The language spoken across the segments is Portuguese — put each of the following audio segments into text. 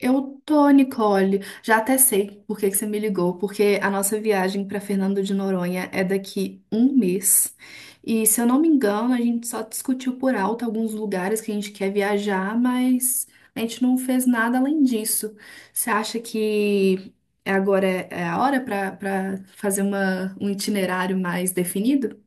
Eu tô, Nicole. Já até sei por que que você me ligou, porque a nossa viagem para Fernando de Noronha é daqui um mês. E se eu não me engano, a gente só discutiu por alto alguns lugares que a gente quer viajar, mas a gente não fez nada além disso. Você acha que agora é a hora para fazer um itinerário mais definido?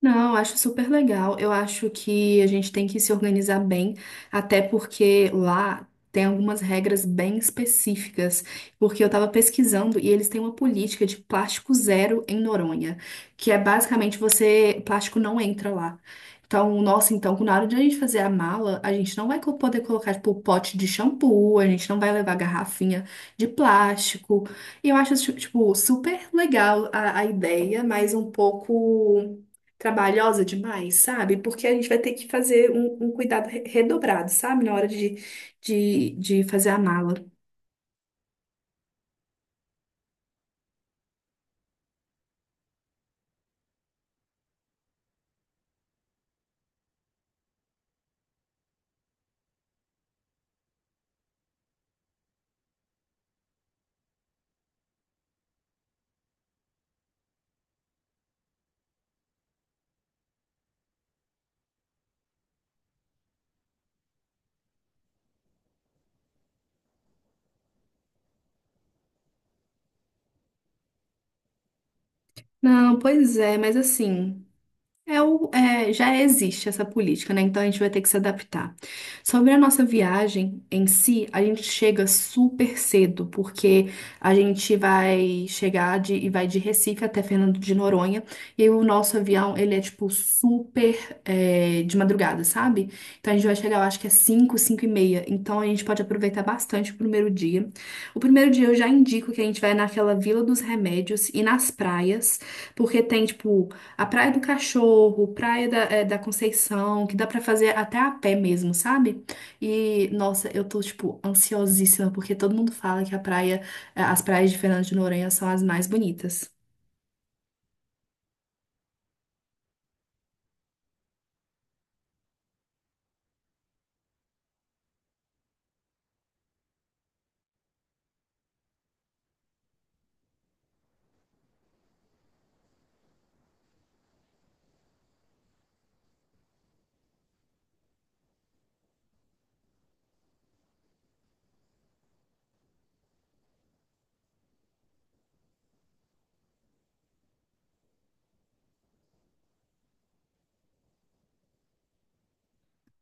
Não, eu acho super legal. Eu acho que a gente tem que se organizar bem, até porque lá tem algumas regras bem específicas. Porque eu estava pesquisando e eles têm uma política de plástico zero em Noronha, que é basicamente você, plástico não entra lá. Então, nossa, então, na hora de a gente fazer a mala, a gente não vai poder colocar, tipo, pote de shampoo, a gente não vai levar garrafinha de plástico. E eu acho, tipo, super legal a ideia, mas um pouco trabalhosa demais, sabe? Porque a gente vai ter que fazer um cuidado redobrado, sabe? Na hora de fazer a mala. Não, pois é, mas assim. É, já existe essa política, né? Então a gente vai ter que se adaptar. Sobre a nossa viagem em si, a gente chega super cedo, porque a gente vai chegar e vai de Recife até Fernando de Noronha, e aí o nosso avião, ele é tipo super de madrugada, sabe? Então a gente vai chegar, eu acho que é 5, 5:30. Então a gente pode aproveitar bastante o primeiro dia. O primeiro dia eu já indico que a gente vai naquela Vila dos Remédios e nas praias, porque tem tipo a Praia do Cachorro, Praia da Conceição, que dá pra fazer até a pé mesmo, sabe? E, nossa, eu tô, tipo, ansiosíssima, porque todo mundo fala que as praias de Fernando de Noronha são as mais bonitas.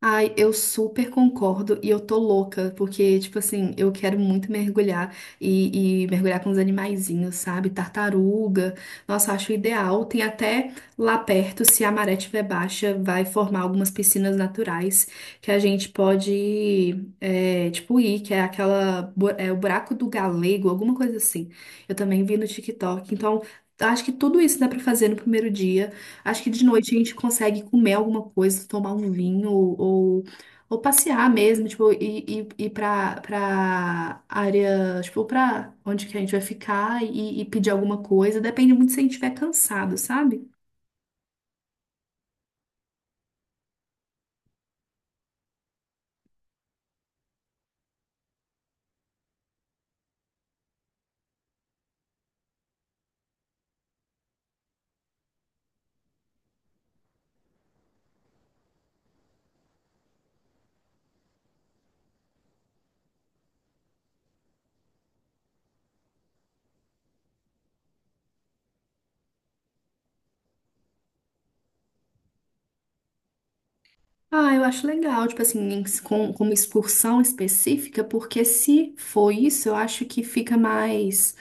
Ai, eu super concordo e eu tô louca, porque, tipo assim, eu quero muito mergulhar e mergulhar com os animaizinhos, sabe? Tartaruga, nossa, acho ideal. Tem até lá perto, se a maré estiver baixa, vai formar algumas piscinas naturais que a gente pode, tipo, ir, que é aquela, é o buraco do galego, alguma coisa assim. Eu também vi no TikTok, então. Acho que tudo isso dá pra fazer no primeiro dia. Acho que de noite a gente consegue comer alguma coisa, tomar um vinho ou passear mesmo, tipo, ir pra área, tipo, pra onde que a gente vai ficar e pedir alguma coisa. Depende muito se a gente estiver cansado, sabe? Ah, eu acho legal, tipo assim, com uma excursão específica, porque se for isso, eu acho que fica mais.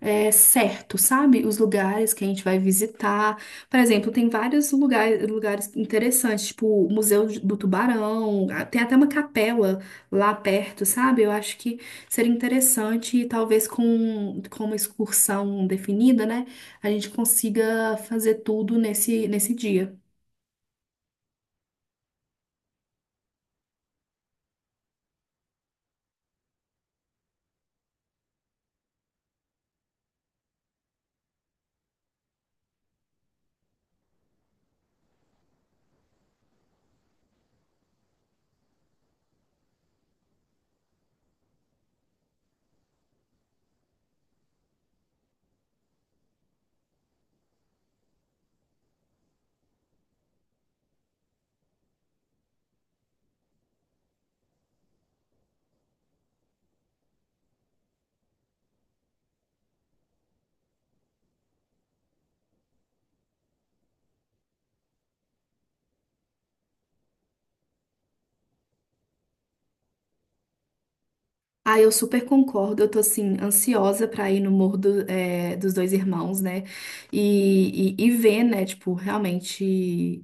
Certo, sabe? Os lugares que a gente vai visitar. Por exemplo, tem vários lugares interessantes, tipo o Museu do Tubarão, tem até uma capela lá perto, sabe? Eu acho que seria interessante, e talvez com uma excursão definida, né? A gente consiga fazer tudo nesse dia. Ah, eu super concordo. Eu tô assim, ansiosa pra ir no Morro dos Dois Irmãos, né? E ver, né? Tipo, realmente.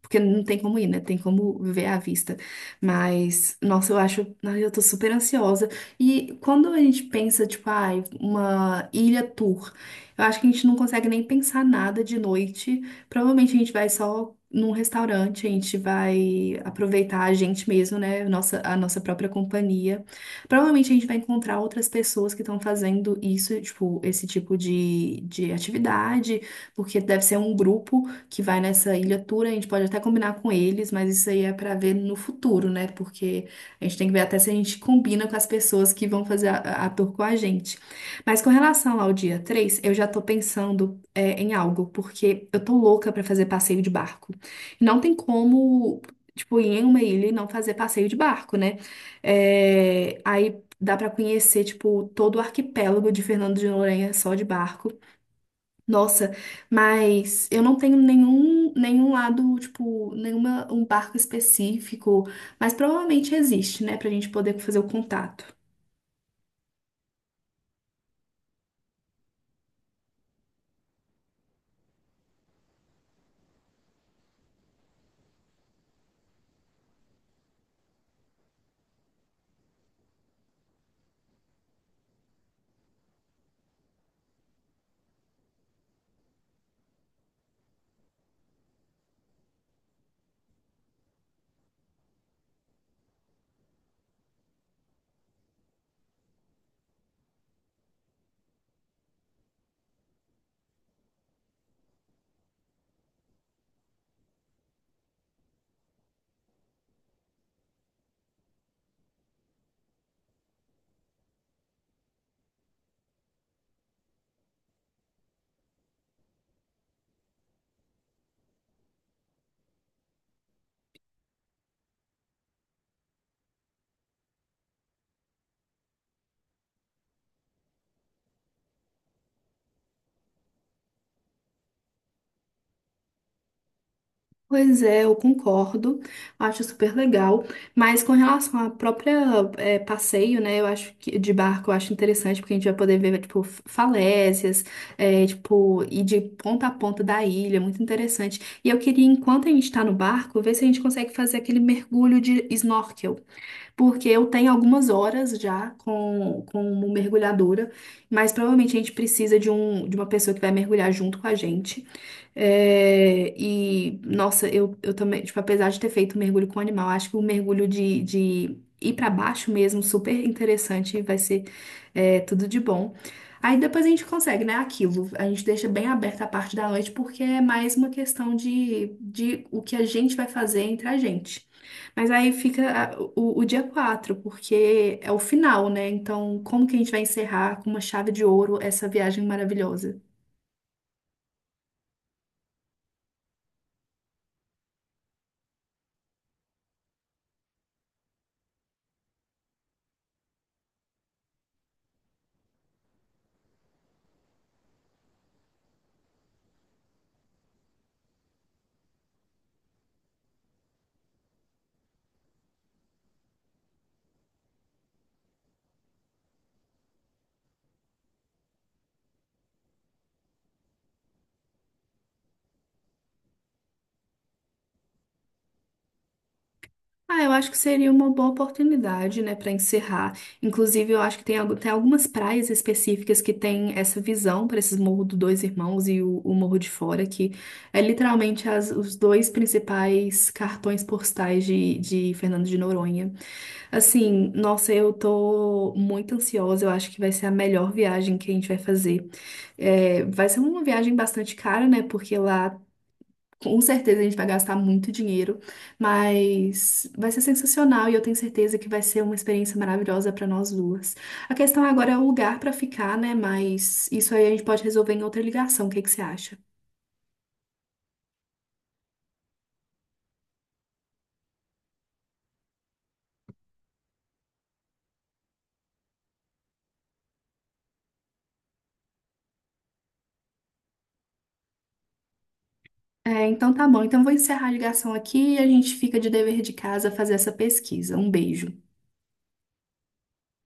Porque não tem como ir, né? Tem como viver à vista. Mas, nossa, eu acho. Ai, eu tô super ansiosa. E quando a gente pensa, tipo, ai, uma ilha tour, eu acho que a gente não consegue nem pensar nada de noite. Provavelmente a gente vai só num restaurante, a gente vai aproveitar a gente mesmo, né? Nossa, a nossa própria companhia. Provavelmente a gente vai encontrar outras pessoas que estão fazendo isso, tipo, esse tipo de atividade, porque deve ser um grupo que vai nessa ilha tour, a gente pode até combinar com eles, mas isso aí é para ver no futuro, né? Porque a gente tem que ver até se a gente combina com as pessoas que vão fazer a tour com a gente. Mas com relação ao dia 3 eu já tô pensando em algo, porque eu tô louca para fazer passeio de barco. E não tem como, tipo, ir em uma ilha e não fazer passeio de barco, né? É, aí dá pra conhecer, tipo, todo o arquipélago de Fernando de Noronha só de barco. Nossa, mas eu não tenho nenhum lado, tipo, um barco específico, mas provavelmente existe, né, pra gente poder fazer o contato. Pois é, eu concordo, acho super legal, mas com relação à própria passeio, né, eu acho que de barco eu acho interessante, porque a gente vai poder ver, tipo, falésias, tipo, ir de ponta a ponta da ilha, muito interessante. E eu queria, enquanto a gente tá no barco, ver se a gente consegue fazer aquele mergulho de snorkel. Porque eu tenho algumas horas já como mergulhadora, mas provavelmente a gente precisa de uma pessoa que vai mergulhar junto com a gente. É, e, nossa, eu também, tipo, apesar de ter feito mergulho com animal, acho que o mergulho de ir para baixo mesmo, super interessante, vai ser tudo de bom. Aí depois a gente consegue, né? Aquilo. A gente deixa bem aberta a parte da noite, porque é mais uma questão de o que a gente vai fazer entre a gente. Mas aí fica o dia 4 porque é o final, né? Então, como que a gente vai encerrar com uma chave de ouro essa viagem maravilhosa? Ah, eu acho que seria uma boa oportunidade, né, para encerrar. Inclusive, eu acho que tem algumas praias específicas que têm essa visão para esses Morro dos Dois Irmãos e o Morro de Fora, que é literalmente os dois principais cartões postais de Fernando de Noronha. Assim, nossa, eu tô muito ansiosa, eu acho que vai ser a melhor viagem que a gente vai fazer. É, vai ser uma viagem bastante cara, né, porque lá com certeza a gente vai gastar muito dinheiro, mas vai ser sensacional e eu tenho certeza que vai ser uma experiência maravilhosa para nós duas. A questão agora é o lugar para ficar, né? Mas isso aí a gente pode resolver em outra ligação. O que que você acha? É, então tá bom. Então eu vou encerrar a ligação aqui e a gente fica de dever de casa fazer essa pesquisa. Um beijo.